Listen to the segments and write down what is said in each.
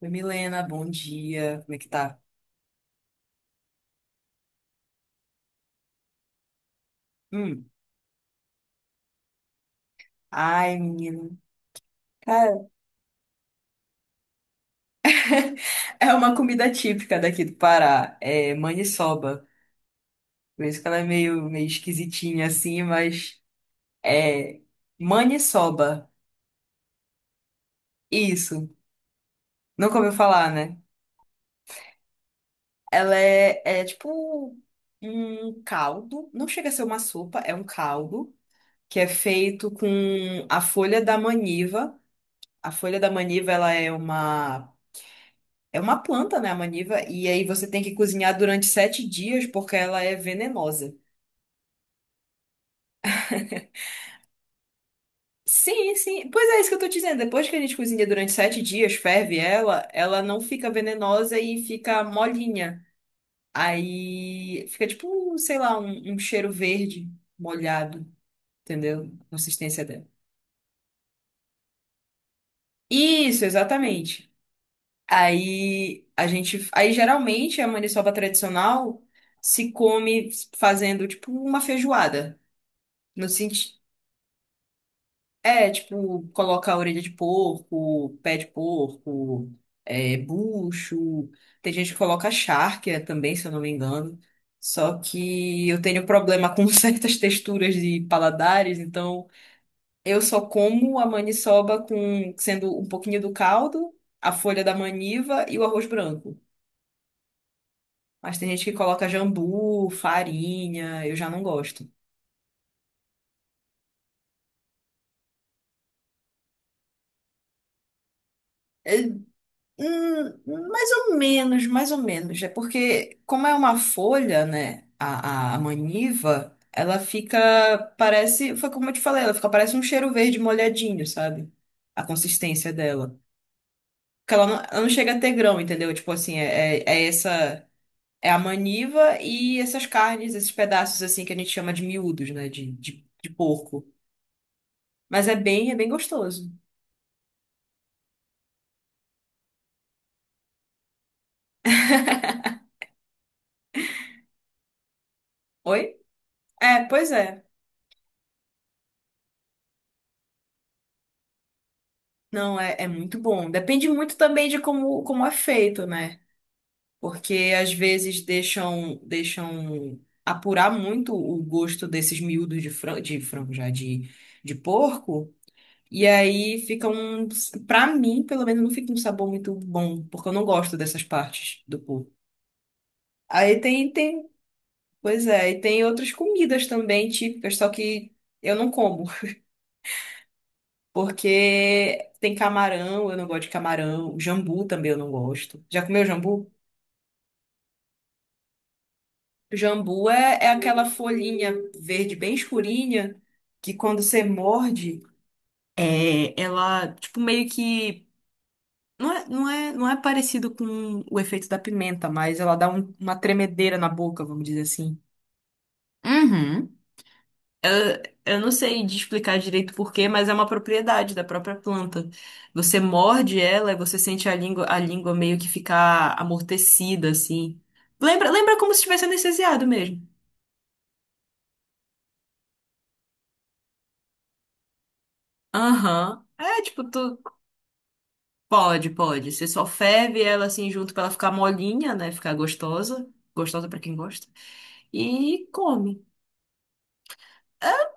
Oi, Milena, bom dia. Como é que tá? Hum. Ai, menina. Cara, é uma comida típica daqui do Pará. É maniçoba. Por isso que ela é meio esquisitinha assim, mas é maniçoba. Isso. Nunca ouviu falar, né? Ela é tipo um caldo. Não chega a ser uma sopa, é um caldo que é feito com a folha da maniva. A folha da maniva, ela é uma é uma planta, né, a maniva? E aí você tem que cozinhar durante 7 dias porque ela é venenosa. Sim, sim. Pois é, isso que eu tô dizendo. Depois que a gente cozinha durante 7 dias, ferve ela não fica venenosa e fica molinha. Aí fica tipo, um, sei lá, um cheiro verde molhado, entendeu? A consistência dela. Isso, exatamente. Aí a gente. Aí geralmente a maniçoba tradicional se come fazendo tipo uma feijoada. No sentido. É, tipo, coloca a orelha de porco, pé de porco, é, bucho. Tem gente que coloca charque também, se eu não me engano. Só que eu tenho problema com certas texturas de paladares, então eu só como a maniçoba com sendo um pouquinho do caldo, a folha da maniva e o arroz branco. Mas tem gente que coloca jambu, farinha, eu já não gosto. Hum, mais ou menos, mais ou menos. É porque, como é uma folha, né? A maniva, ela fica, parece, foi como eu te falei, ela fica, parece um cheiro verde molhadinho, sabe? A consistência dela. Porque ela não chega a ter grão, entendeu? Tipo assim, é essa, é a maniva e essas carnes, esses pedaços assim que a gente chama de miúdos, né? De porco. Mas é bem gostoso. Oi? É, pois é. Não, é muito bom. Depende muito também de como é feito, né? Porque às vezes deixam apurar muito o gosto desses miúdos de frango já, de porco. E aí fica um. Pra mim, pelo menos, não fica um sabor muito bom, porque eu não gosto dessas partes do porco. Aí tem. Pois é, e tem outras comidas também típicas, só que eu não como. Porque tem camarão, eu não gosto de camarão. Jambu também eu não gosto. Já comeu jambu? Jambu é aquela folhinha verde bem escurinha que quando você morde, é, ela, tipo, meio que. Não é parecido com o efeito da pimenta, mas ela dá uma tremedeira na boca, vamos dizer assim. Uhum. Eu não sei de explicar direito por quê, mas é uma propriedade da própria planta. Você morde ela e você sente a língua meio que ficar amortecida, assim. Lembra como se estivesse anestesiado mesmo. Aham. É, tipo, tu. Pode, pode. Você só ferve ela, assim, junto pra ela ficar molinha, né? Ficar gostosa. Gostosa pra quem gosta. E come. É,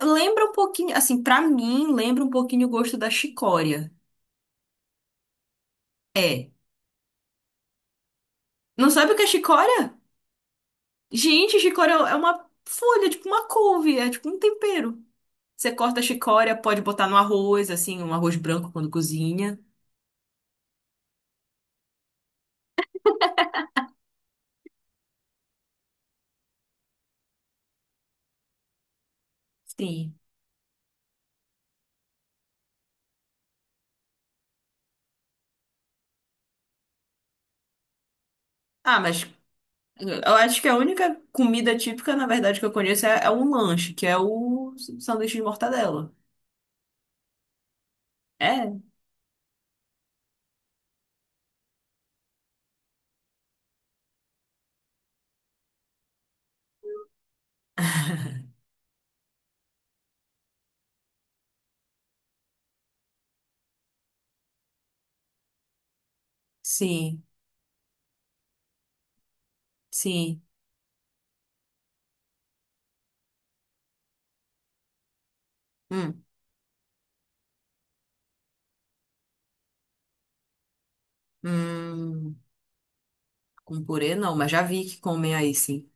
lembra um pouquinho, assim, pra mim, lembra um pouquinho o gosto da chicória. É. Não sabe o que é chicória? Gente, chicória é uma folha, é tipo uma couve, é tipo um tempero. Você corta a chicória, pode botar no arroz, assim, um arroz branco quando cozinha. Sim. Ah, mas eu acho que a única comida típica, na verdade, que eu conheço é um lanche, que é o sanduíche de mortadela. É? Sim, sim. Hum, hum, com purê não, mas já vi que comem aí, sim.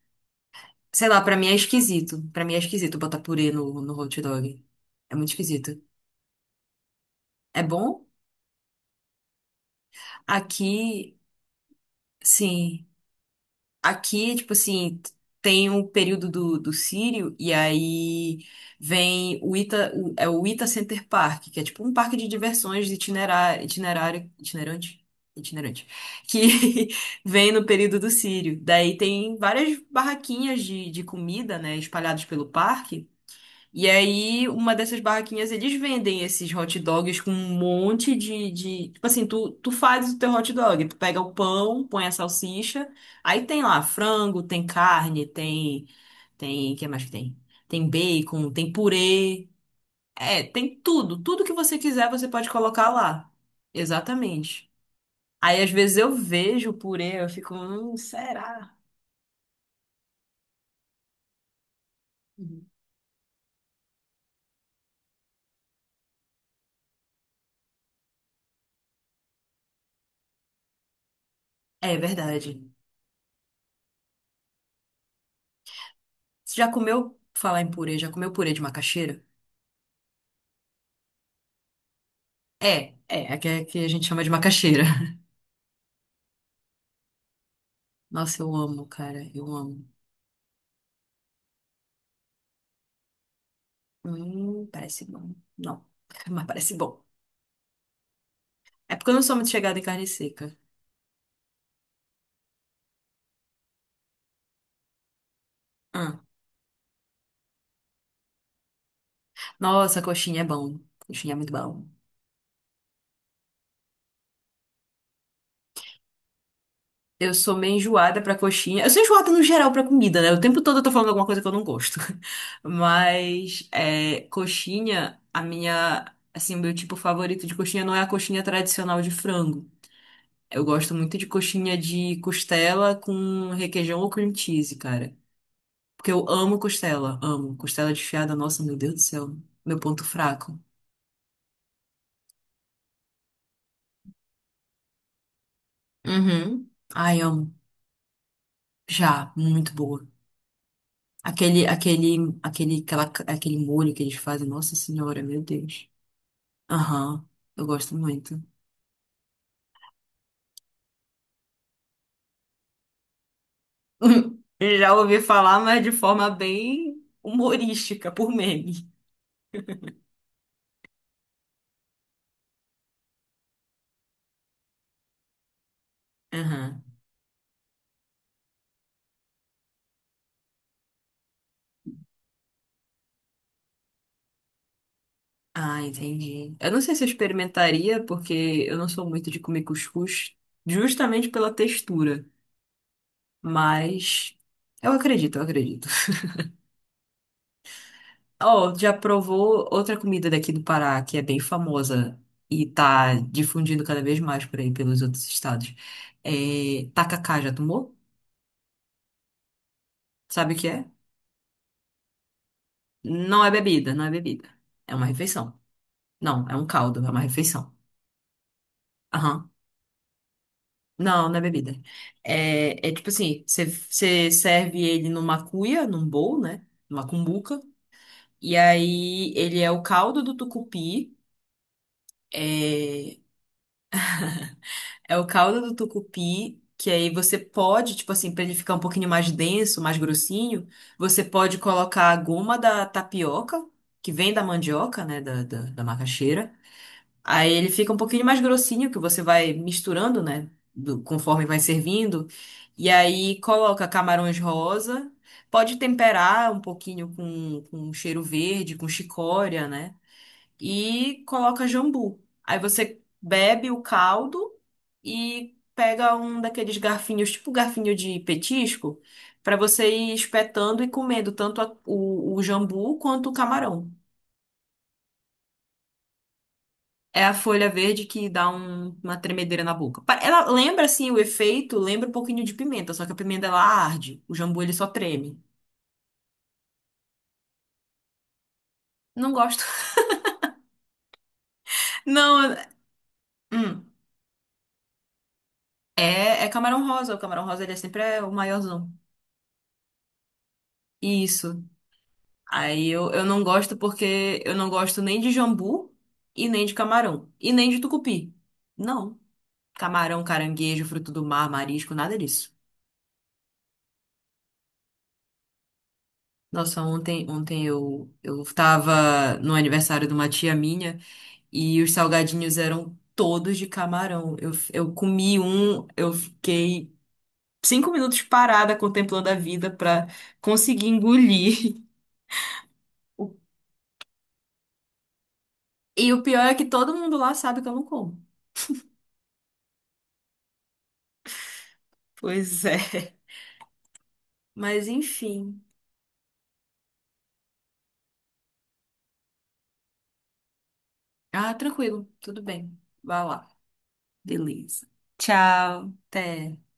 Sei lá, pra mim é esquisito. Pra mim é esquisito botar purê no hot dog. É muito esquisito. É bom? Aqui. Sim. Aqui, tipo assim, tem o período do Círio, e aí vem é o Ita Center Park, que é tipo um parque de diversões itinerante, itinerante, que vem no período do Círio. Daí tem várias barraquinhas de comida, né, espalhadas pelo parque. E aí, uma dessas barraquinhas, eles vendem esses hot dogs com um monte de. Tipo assim, tu faz o teu hot dog, tu pega o pão, põe a salsicha, aí tem lá frango, tem carne, tem. Tem. O que mais que tem? Tem bacon, tem purê. É, tem tudo. Tudo que você quiser, você pode colocar lá. Exatamente. Aí, às vezes, eu vejo o purê, eu fico. Será? Uhum. É verdade. Você já comeu. Falar em purê, já comeu purê de macaxeira? É, é que a gente chama de macaxeira. Nossa, eu amo, cara, eu amo. Parece bom. Não, mas parece bom. É porque eu não sou muito chegada em carne seca. Ah. Nossa, coxinha é bom. Coxinha é muito bom. Eu sou meio enjoada pra coxinha. Eu sou enjoada no geral pra comida, né? O tempo todo eu tô falando alguma coisa que eu não gosto. Mas, é, coxinha, a minha. Assim, o meu tipo favorito de coxinha não é a coxinha tradicional de frango. Eu gosto muito de coxinha de costela com requeijão ou cream cheese, cara. Porque eu amo. Costela desfiada, nossa, meu Deus do céu. Meu ponto fraco. Uhum. Ai, amo. Já, muito boa. Aquele molho que eles fazem, nossa senhora, meu Deus. Aham, eu gosto muito. Já ouvi falar, mas de forma bem humorística, por meme. Aham. Ah, entendi. Eu não sei se eu experimentaria, porque eu não sou muito de comer cuscuz, justamente pela textura. Mas eu acredito, eu acredito. Oh, já provou outra comida daqui do Pará, que é bem famosa e tá difundindo cada vez mais por aí pelos outros estados. É tacacá, já tomou? Sabe o que é? Não é bebida, não é bebida. É uma refeição. Não, é um caldo, é uma refeição. Aham. Não, não é bebida. É tipo assim, você serve ele numa cuia, num bowl, né? Numa cumbuca. E aí ele é o caldo do tucupi. É, é o caldo do tucupi que aí você pode, tipo assim, pra ele ficar um pouquinho mais denso, mais grossinho, você pode colocar a goma da tapioca, que vem da mandioca, né? Da macaxeira. Aí ele fica um pouquinho mais grossinho, que você vai misturando, né? Conforme vai servindo. E aí coloca camarões rosa. Pode temperar um pouquinho com, um cheiro verde, com chicória, né? E coloca jambu. Aí você bebe o caldo e pega um daqueles garfinhos, tipo garfinho de petisco, para você ir espetando e comendo tanto o jambu quanto o camarão. É a folha verde que dá uma tremedeira na boca. Ela lembra, assim, o efeito, lembra um pouquinho de pimenta, só que a pimenta ela arde, o jambu ele só treme. Não gosto. Não, hum, é camarão rosa, o camarão rosa ele é sempre é o maiorzão. Isso. Aí eu não gosto porque eu não gosto nem de jambu e nem de camarão. E nem de tucupi. Não. Camarão, caranguejo, fruto do mar, marisco, nada disso. Nossa, ontem, ontem eu tava no aniversário de uma tia minha. E os salgadinhos eram todos de camarão. Eu comi um, eu fiquei 5 minutos parada contemplando a vida pra conseguir engolir. O- E o pior é que todo mundo lá sabe que eu não como. Pois é. Mas enfim. Ah, tranquilo, tudo bem. Vai lá. Beleza. Tchau. Até.